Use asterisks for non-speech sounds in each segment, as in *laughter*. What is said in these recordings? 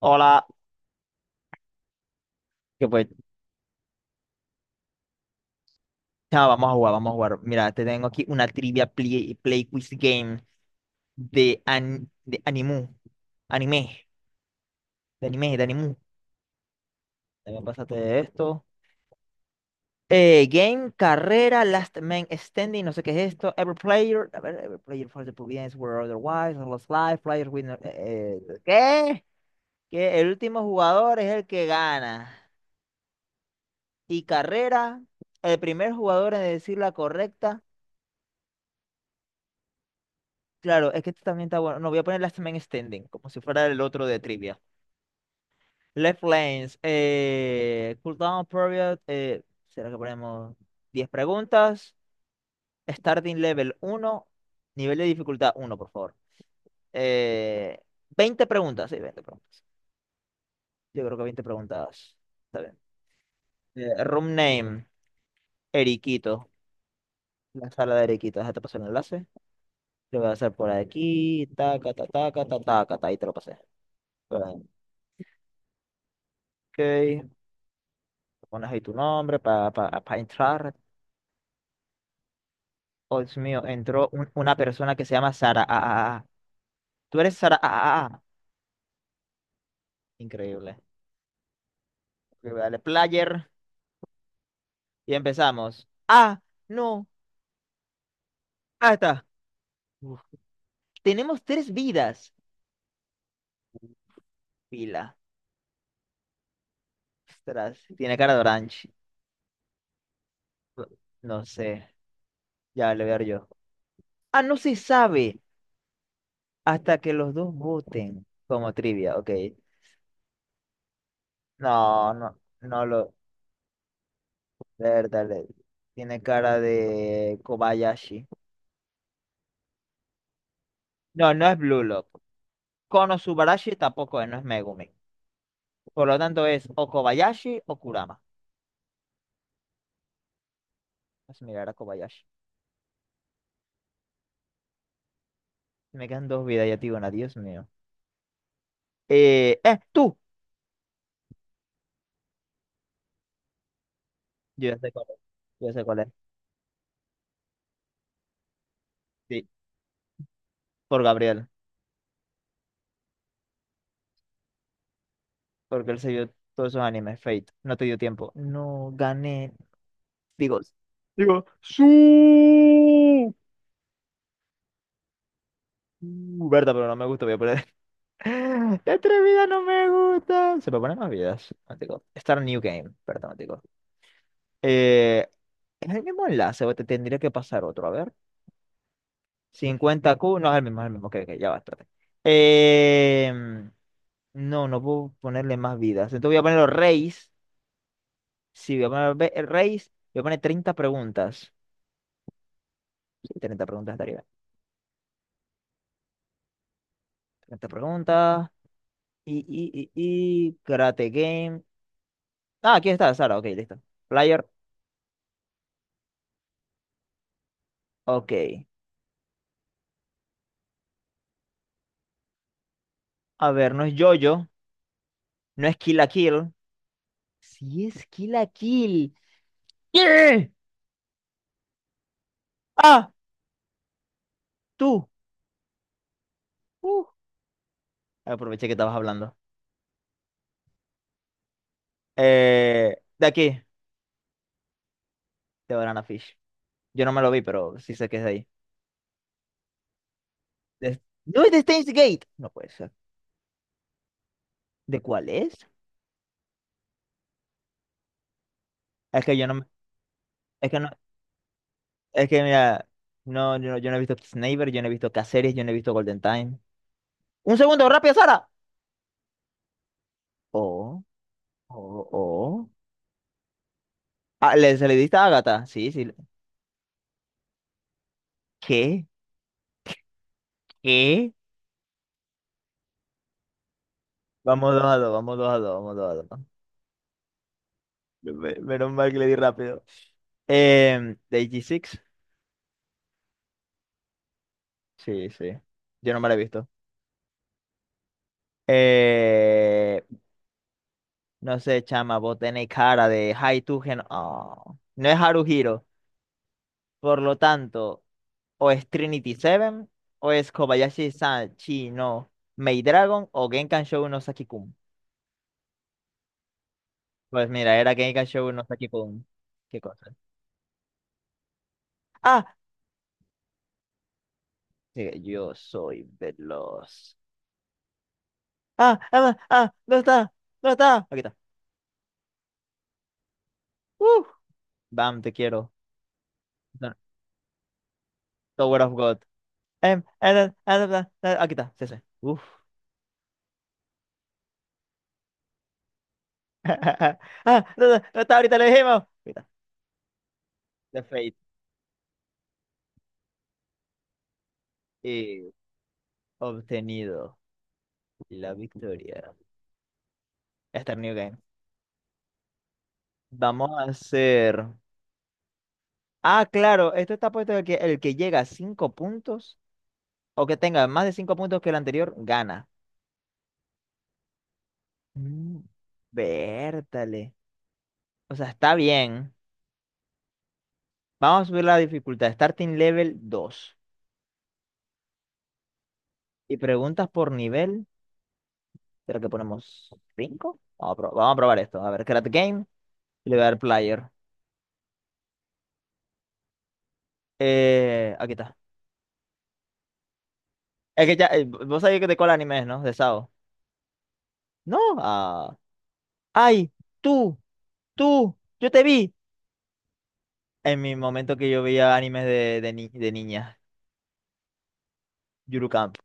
Hola, que pues, chao, vamos a jugar, vamos a jugar. Mira, te tengo aquí una trivia play quiz game de animu, anime, anime, de animu. También pásate de esto. Game, carrera, last man standing, no sé qué es esto. Every player, a ver, every player for the providence were otherwise, lost life, players winner. ¿Qué? Que el último jugador es el que gana. Y carrera, el primer jugador en decir la correcta. Claro, es que esto también está bueno. No, voy a poner Last Man Standing, como si fuera el otro de trivia. Left lanes, cooldown period. ¿Será que ponemos 10 preguntas? Starting level uno, nivel de dificultad uno, por favor. Eh, 20 preguntas, sí, 20 preguntas. Yo creo que 20 preguntas. Está bien. Room name, Eriquito. La sala de Eriquito, déjate pasar el enlace. Lo voy a hacer por aquí. Taca, taca, taca, taca, taca, ta, ahí te lo pasé. Ok. Pones ahí tu nombre para entrar. Oh, Dios mío, entró una persona que se llama Sara. Ah, ah, ah. Tú eres Sara. Ah, ah, ah. Increíble. Ok, dale player y empezamos. Ah, no. Ah, está. Uf, tenemos tres vidas. Pila. Ostras, tiene cara de orange. No sé. Ya le voy a dar yo. Ah, no se sabe hasta que los dos voten. Como trivia, ok. No, no, no lo. Verdad, tiene cara de Kobayashi. No, no es Blue Lock. Kono Subarashi tampoco es, no es Megumi. Por lo tanto es o Kobayashi o Kurama. Vamos a mirar a Kobayashi. Si me quedan dos vidas ya, tío, Dios mío. Tú. Yo ya sé cuál es. Yo ya sé cuál es. Sí, por Gabriel. Porque él se vio todos esos animes. Fate. No te dio tiempo. No, gané. Digo, digo, su. Berta, pero no me gusta. Voy a poner. *laughs* La atrevida no me gusta. Se me ponen más vidas. Matico. Start New Game. Perdón. Eh, ¿Es el mismo enlace o te tendría que pasar otro? A ver. Cincuenta q no es el mismo, es el mismo. Ok, ok, ya va, espérate. Em, no, no puedo ponerle más vidas. Entonces voy a ponerlo Reis. Sí, voy a poner Reis. Voy a poner 30 preguntas. Sí, 30 preguntas estaría bien. 30 preguntas. Y Karate Game. Ah, aquí está, Sara. Ok, listo. Player. Ok. A ver, no es Jojo. No es Kill la Kill. Sí es Kill la Kill. ¡Yeah! ¡Ah! ¡Tú! Uh. Aproveché que estabas hablando. De aquí, de Banana Fish. Yo no me lo vi, pero sí sé que es de ahí. De- no es de Steins Gate. No puede ser. ¿De cuál es? Es que yo no me- Es que no, es que mira, no, yo no he visto Sniper, yo no he visto Caceres, yo no he visto Golden Time. ¡Un segundo, rápido, Sara! Oh, oh, oh. Ah, ¿Se le diste a Agatha? Sí, sí. ¿Qué? ¿Qué? Vamos dos a dos, vamos dos a dos, vamos dos a dos. Menos mal que le di rápido. De AG6. Sí, sí. Yo no me la he visto. Eh, no sé, chama, vos tenés cara de Haitugen. Oh, no es Haruhiro. Por lo tanto, o es Trinity Seven, o es Kobayashi-san Chi no Maid Dragon, o Genkan Shou no Saki-kun. Pues mira, era Genkan Shou no Saki-kun. ¿Qué cosa? ¡Ah! Sí, yo soy veloz. ¡Ah! ¡Ah! ¡Ah! ¿Dónde está? ¿Dónde está? Aquí está. ¡Uh! Bam, te quiero. Tower of God. Aquí está. Sí, sí. *laughs* Ah, no, no, no está, ahorita lo dijimos. Mira, The Fate. Y obtenido la victoria. Esta New Game. Vamos a hacer. Ah, claro, esto está puesto de que el que llega a 5 puntos o que tenga más de 5 puntos que el anterior gana. Mm, Vértale. O sea, está bien. Vamos a subir la dificultad. Starting level 2 y preguntas por nivel. ¿Será que ponemos cinco? Vamos a probar esto. A ver, Create Game. Y le voy a dar Player. Aquí está. Es que ya, vos sabés que de cuál anime es, ¿no? De Sao. No, ah, ay, tú, tú, yo te vi. En mi momento que yo veía animes de, ni- de niña, Yuru Camp.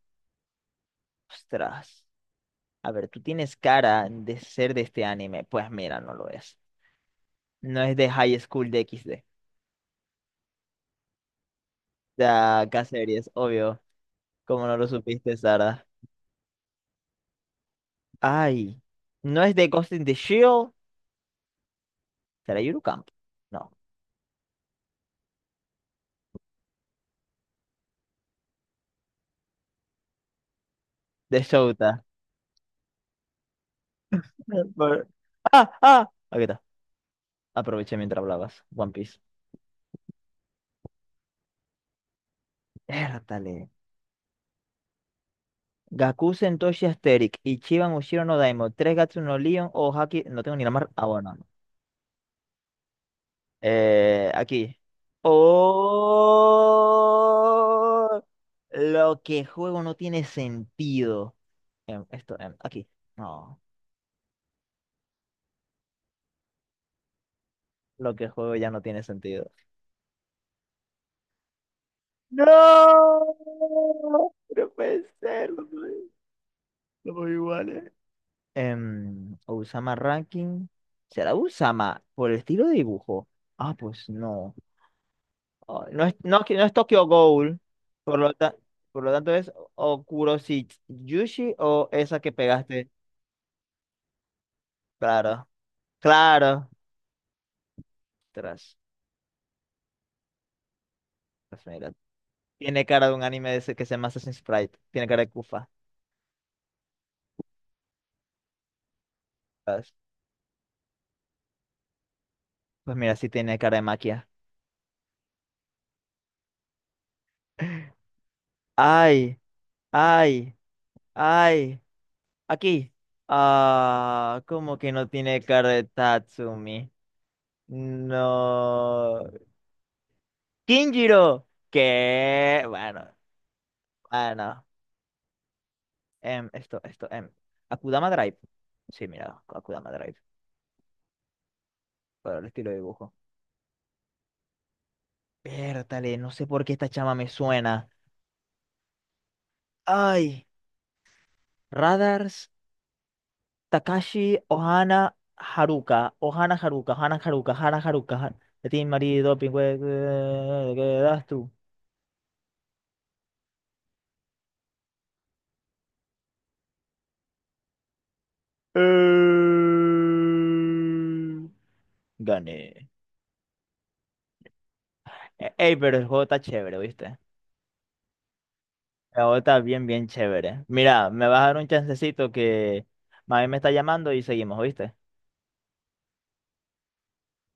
Ostras. A ver, tú tienes cara de ser de este anime. Pues mira, no lo es. No es de High School de XD. De K-Series, obvio. Como no lo supiste, Sara. Ay, no es de Ghost in the Shell. ¿Será Yuru Camp? No, de Shouta. *laughs* Por- Ah, ah. Aquí está. Aproveché mientras hablabas. One Piece. Értale. Gaku Sentoshi Asterix, Ichiban Ushiro no Daimon, Tres Gatsu no Leon o Haki. No tengo ni la mar. Ah, bueno. No. Aquí. Oh, lo que juego no tiene sentido. Esto, aquí. No, lo que juego ya no tiene sentido. No, no puede ser. No puede- Somos iguales. Usama Ranking. ¿Será Usama por el estilo de dibujo? Ah, pues no. No es, no, no es Tokyo Ghoul, por lo, ta- por lo tanto es Okurosi Yushi o esa que pegaste. Claro, claro. Tras, pues mira, tiene cara de un anime de ese que se llama Assassin's Creed. Tiene cara de Kufa. Tras, pues mira, sí tiene cara de Maquia. Ay, ay, ay. Aquí. Ah, ¿cómo que no tiene cara de Tatsumi? No. Kinjiro. ¿Qué? Bueno, bueno. Esto, esto, Akudama Drive. Sí, mira, Akudama Drive. Para el estilo de dibujo. Pértale, no sé por qué esta chama me suena. Ay, Radars, Takashi, Ohana, Haruka. Ohana, Haruka, Ohana, Haruka, Ohana, Haruka. De ti, marido, pingüe, ¿qué das tú? Eh, Gané. Ey, pero el juego está chévere, ¿viste? El juego está bien, bien chévere. Mira, me vas a dar un chancecito que mami me está llamando y seguimos, viste.